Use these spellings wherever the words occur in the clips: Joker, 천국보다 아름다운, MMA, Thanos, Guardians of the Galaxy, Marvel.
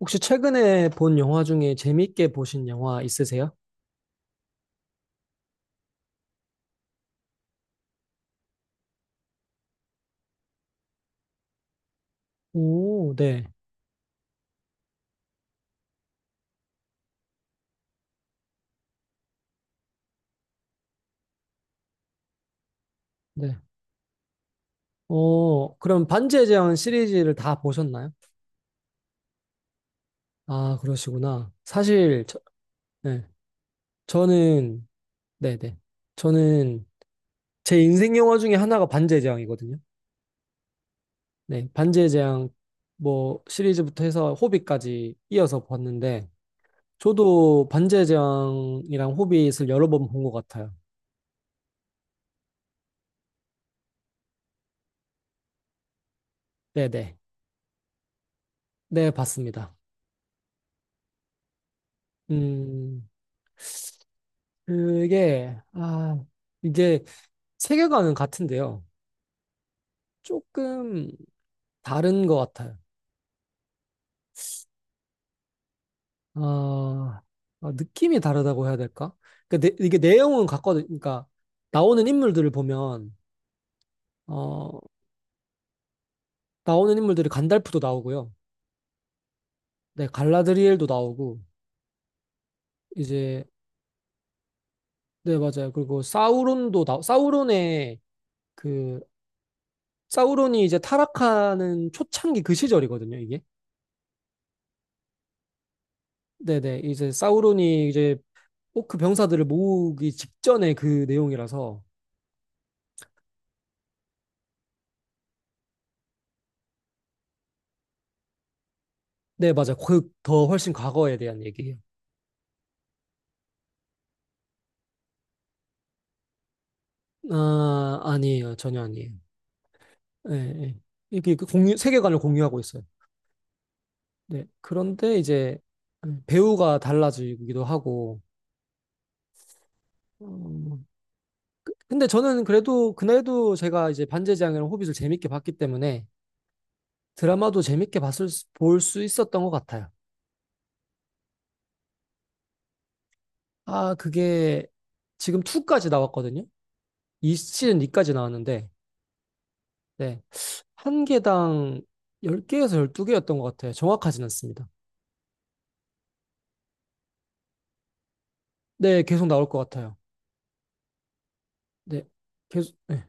혹시 최근에 본 영화 중에 재밌게 보신 영화 있으세요? 오, 네, 네. 그럼 반지의 제왕 시리즈를 다 보셨나요? 아, 그러시구나. 사실, 저, 네. 저는, 네네. 저는 제 인생 영화 중에 하나가 반지의 제왕이거든요. 네. 반지의 제왕 뭐 시리즈부터 해서 호빗까지 이어서 봤는데, 저도 반지의 제왕이랑 호빗을 여러 번 본 것 같아요. 네네. 네, 네, 봤습니다. 음, 그게, 아, 이게 세계관은 같은데요. 조금 다른 것 같아요. 아, 아, 느낌이 다르다고 해야 될까? 그러니까 이게 내용은 같거든. 그러니까 나오는 인물들을 보면, 어, 나오는 인물들이 간달프도 나오고요. 네, 갈라드리엘도 나오고, 이제, 네, 맞아요. 그리고 사우론의 그, 사우론이 이제 타락하는 초창기 그 시절이거든요, 이게. 네네, 이제 사우론이 이제 꼭 그 병사들을 모으기 직전의 그 내용이라서. 네, 맞아. 그 더 훨씬 과거에 대한 얘기예요. 아, 아니에요, 전혀 아니에요. 예, 예. 이게 그 공유 세계관을 공유하고 있어요. 네, 그런데 이제 배우가 달라지기도 하고, 어, 근데 저는 그래도 그날도 제가 이제 반지의제왕이랑 호빗을 재밌게 봤기 때문에 드라마도 재밌게 봤을, 볼 수 있었던 것 같아요. 아, 그게 지금 2까지 나왔거든요. 이 시즌 2까지 나왔는데. 네. 한 개당 10개에서 12개였던 것 같아요. 정확하진 않습니다. 네, 계속 나올 것 같아요. 네, 계속, 네.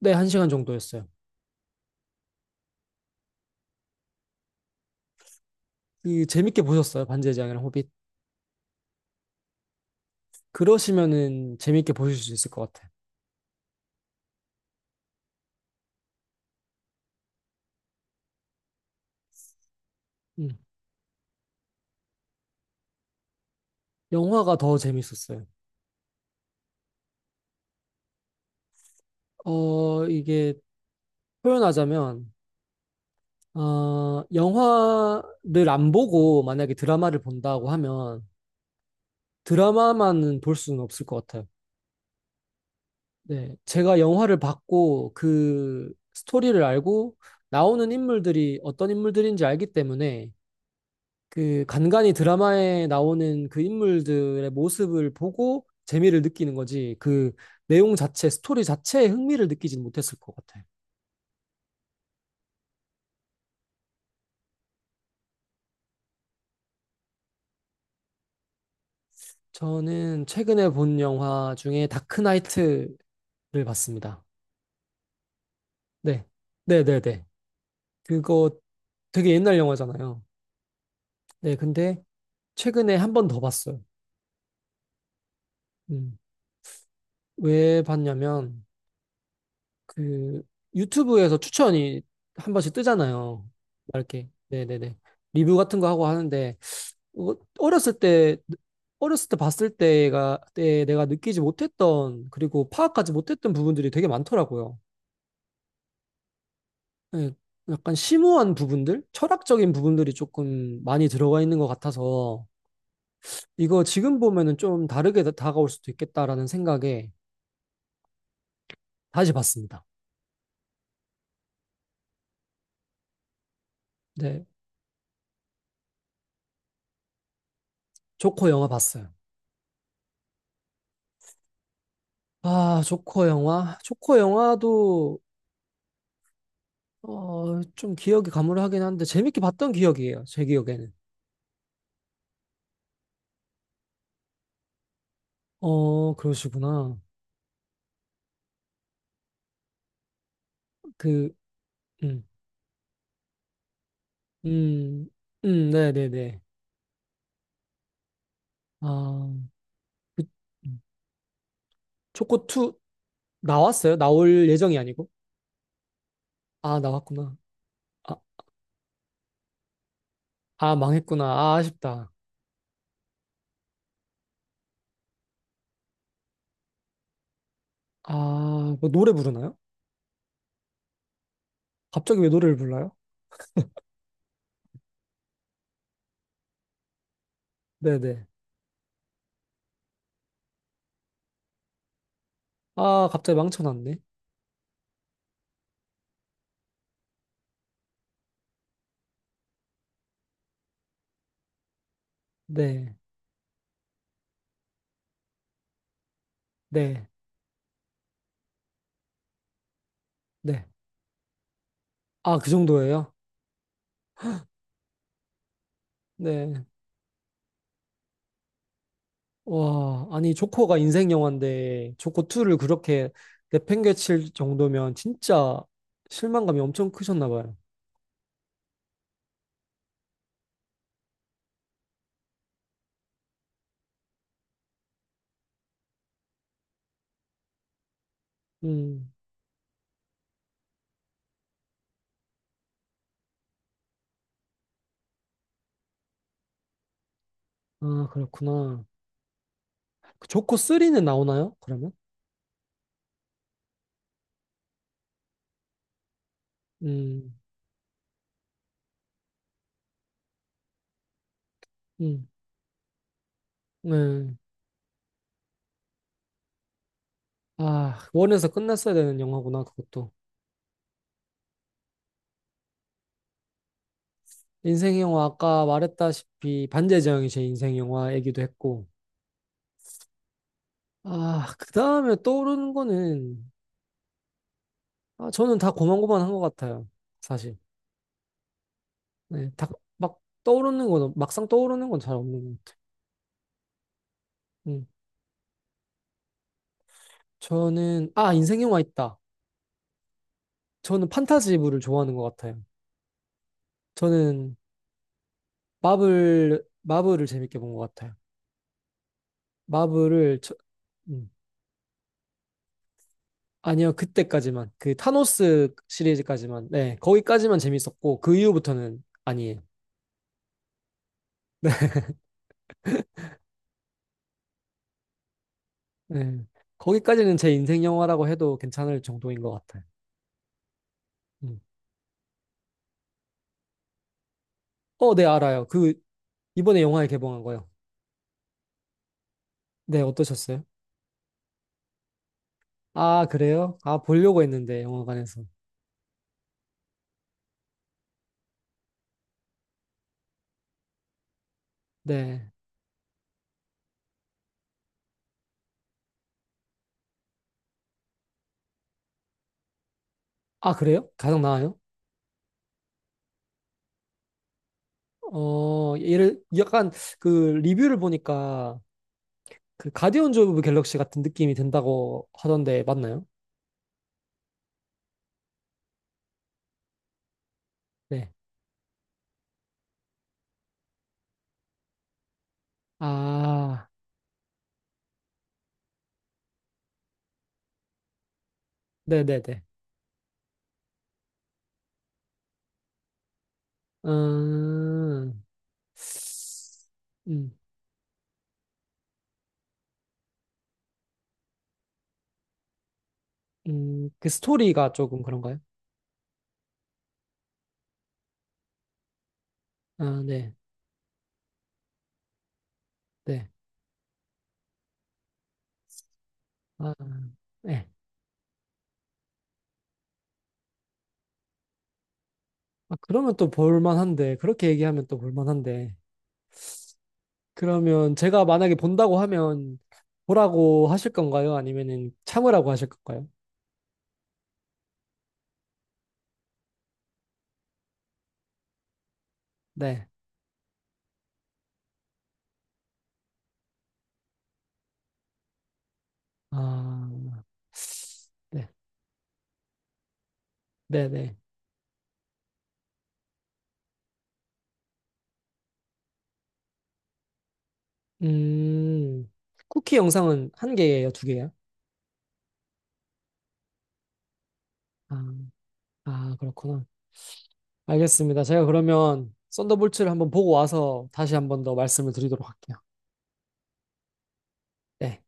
네, 한 시간 정도였어요. 그, 재밌게 보셨어요? 반지의 제왕이랑 호빗. 그러시면은 재밌게 보실 수 있을 것 같아요. 음. 영화가 더 재밌었어요. 이게 표현하자면, 영화를 안 보고 만약에 드라마를 본다고 하면 드라마만은 볼 수는 없을 것 같아요. 네, 제가 영화를 봤고 그 스토리를 알고 나오는 인물들이 어떤 인물들인지 알기 때문에 그 간간이 드라마에 나오는 그 인물들의 모습을 보고 재미를 느끼는 거지, 그 내용 자체, 스토리 자체에 흥미를 느끼진 못했을 것 같아요. 저는 최근에 본 영화 중에 다크나이트를 봤습니다. 네, 네, 네, 네. 그거 되게 옛날 영화잖아요. 네, 근데 최근에 한 번 더 봤어요. 음. 왜 봤냐면 그 유튜브에서 추천이 한 번씩 뜨잖아요. 막 이렇게 네네네 리뷰 같은 거 하고 하는데 어렸을 때, 봤을 때가 때 내가 느끼지 못했던 그리고 파악하지 못했던 부분들이 되게 많더라고요. 예, 약간 심오한 부분들, 철학적인 부분들이 조금 많이 들어가 있는 것 같아서 이거 지금 보면은 좀 다르게 다가올 수도 있겠다라는 생각에 다시 봤습니다. 네, 조커 영화 봤어요. 아, 조커 영화? 조커 영화도, 좀 기억이 가물하긴 한데, 재밌게 봤던 기억이에요, 제 기억에는. 어, 그러시구나. 그, 음, 음, 네네네. 아, 그, 음. 조커 2 나왔어요? 나올 예정이 아니고? 아, 나왔구나. 아, 아, 망했구나. 아, 아쉽다. 아, 뭐 노래 부르나요? 갑자기 왜 노래를 불러요? 네네. 아, 갑자기 망쳐놨네. 네, 네, 네. 아, 그 정도예요? 네. 와, 아니, 조커가 인생 영화인데, 조커2를 그렇게 내팽개칠 정도면 진짜 실망감이 엄청 크셨나 봐요. 음, 아, 그렇구나. 그 조커3는 나오나요? 그러면? 음, 음, 네. 아, 원에서 끝났어야 되는 영화구나, 그것도. 인생 영화, 아까 말했다시피, 반지의 제왕이 제 인생 영화이기도 했고. 아, 그 다음에 떠오르는 거는, 아, 저는 다 고만고만한 것 같아요, 사실. 네, 다, 막 떠오르는 건, 막상 떠오르는 건 잘 없는 것 같아요. 음, 저는, 아, 인생 영화 있다. 저는 판타지물을 좋아하는 것 같아요. 저는 마블을 재밌게 본 것 같아요. 마블을, 저- 음, 아니요, 그때까지만. 그 타노스 시리즈까지만. 네, 거기까지만 재밌었고, 그 이후부터는 아니에요. 네, 거기까지는 제 인생 영화라고 해도 괜찮을 정도인 것 같아요. 음. 어, 네, 알아요. 그, 이번에 영화에 개봉한 거요. 네, 어떠셨어요? 아, 그래요? 아, 보려고 했는데, 영화관에서. 네. 아, 그래요? 가장 나아요? 어, 얘를, 약간, 그, 리뷰를 보니까, 그, 가디언즈 오브 갤럭시 같은 느낌이 든다고 하던데, 맞나요? 네. 아, 네네네. 음, 음, 그 스토리가 조금 그런가요? 아, 네, 네. 아, 네. 아, 그러면 또 볼만한데, 그렇게 얘기하면 또 볼만한데. 그러면 제가 만약에 본다고 하면 보라고 하실 건가요? 아니면은 참으라고 하실 건가요? 네. 아, 네, 네, 네. 음, 쿠키 영상은 한 개예요, 두 개예요? 아, 아, 그렇구나. 알겠습니다. 제가 그러면 썬더볼츠를 한번 보고 와서 다시 한 번 더 말씀을 드리도록 할게요. 네.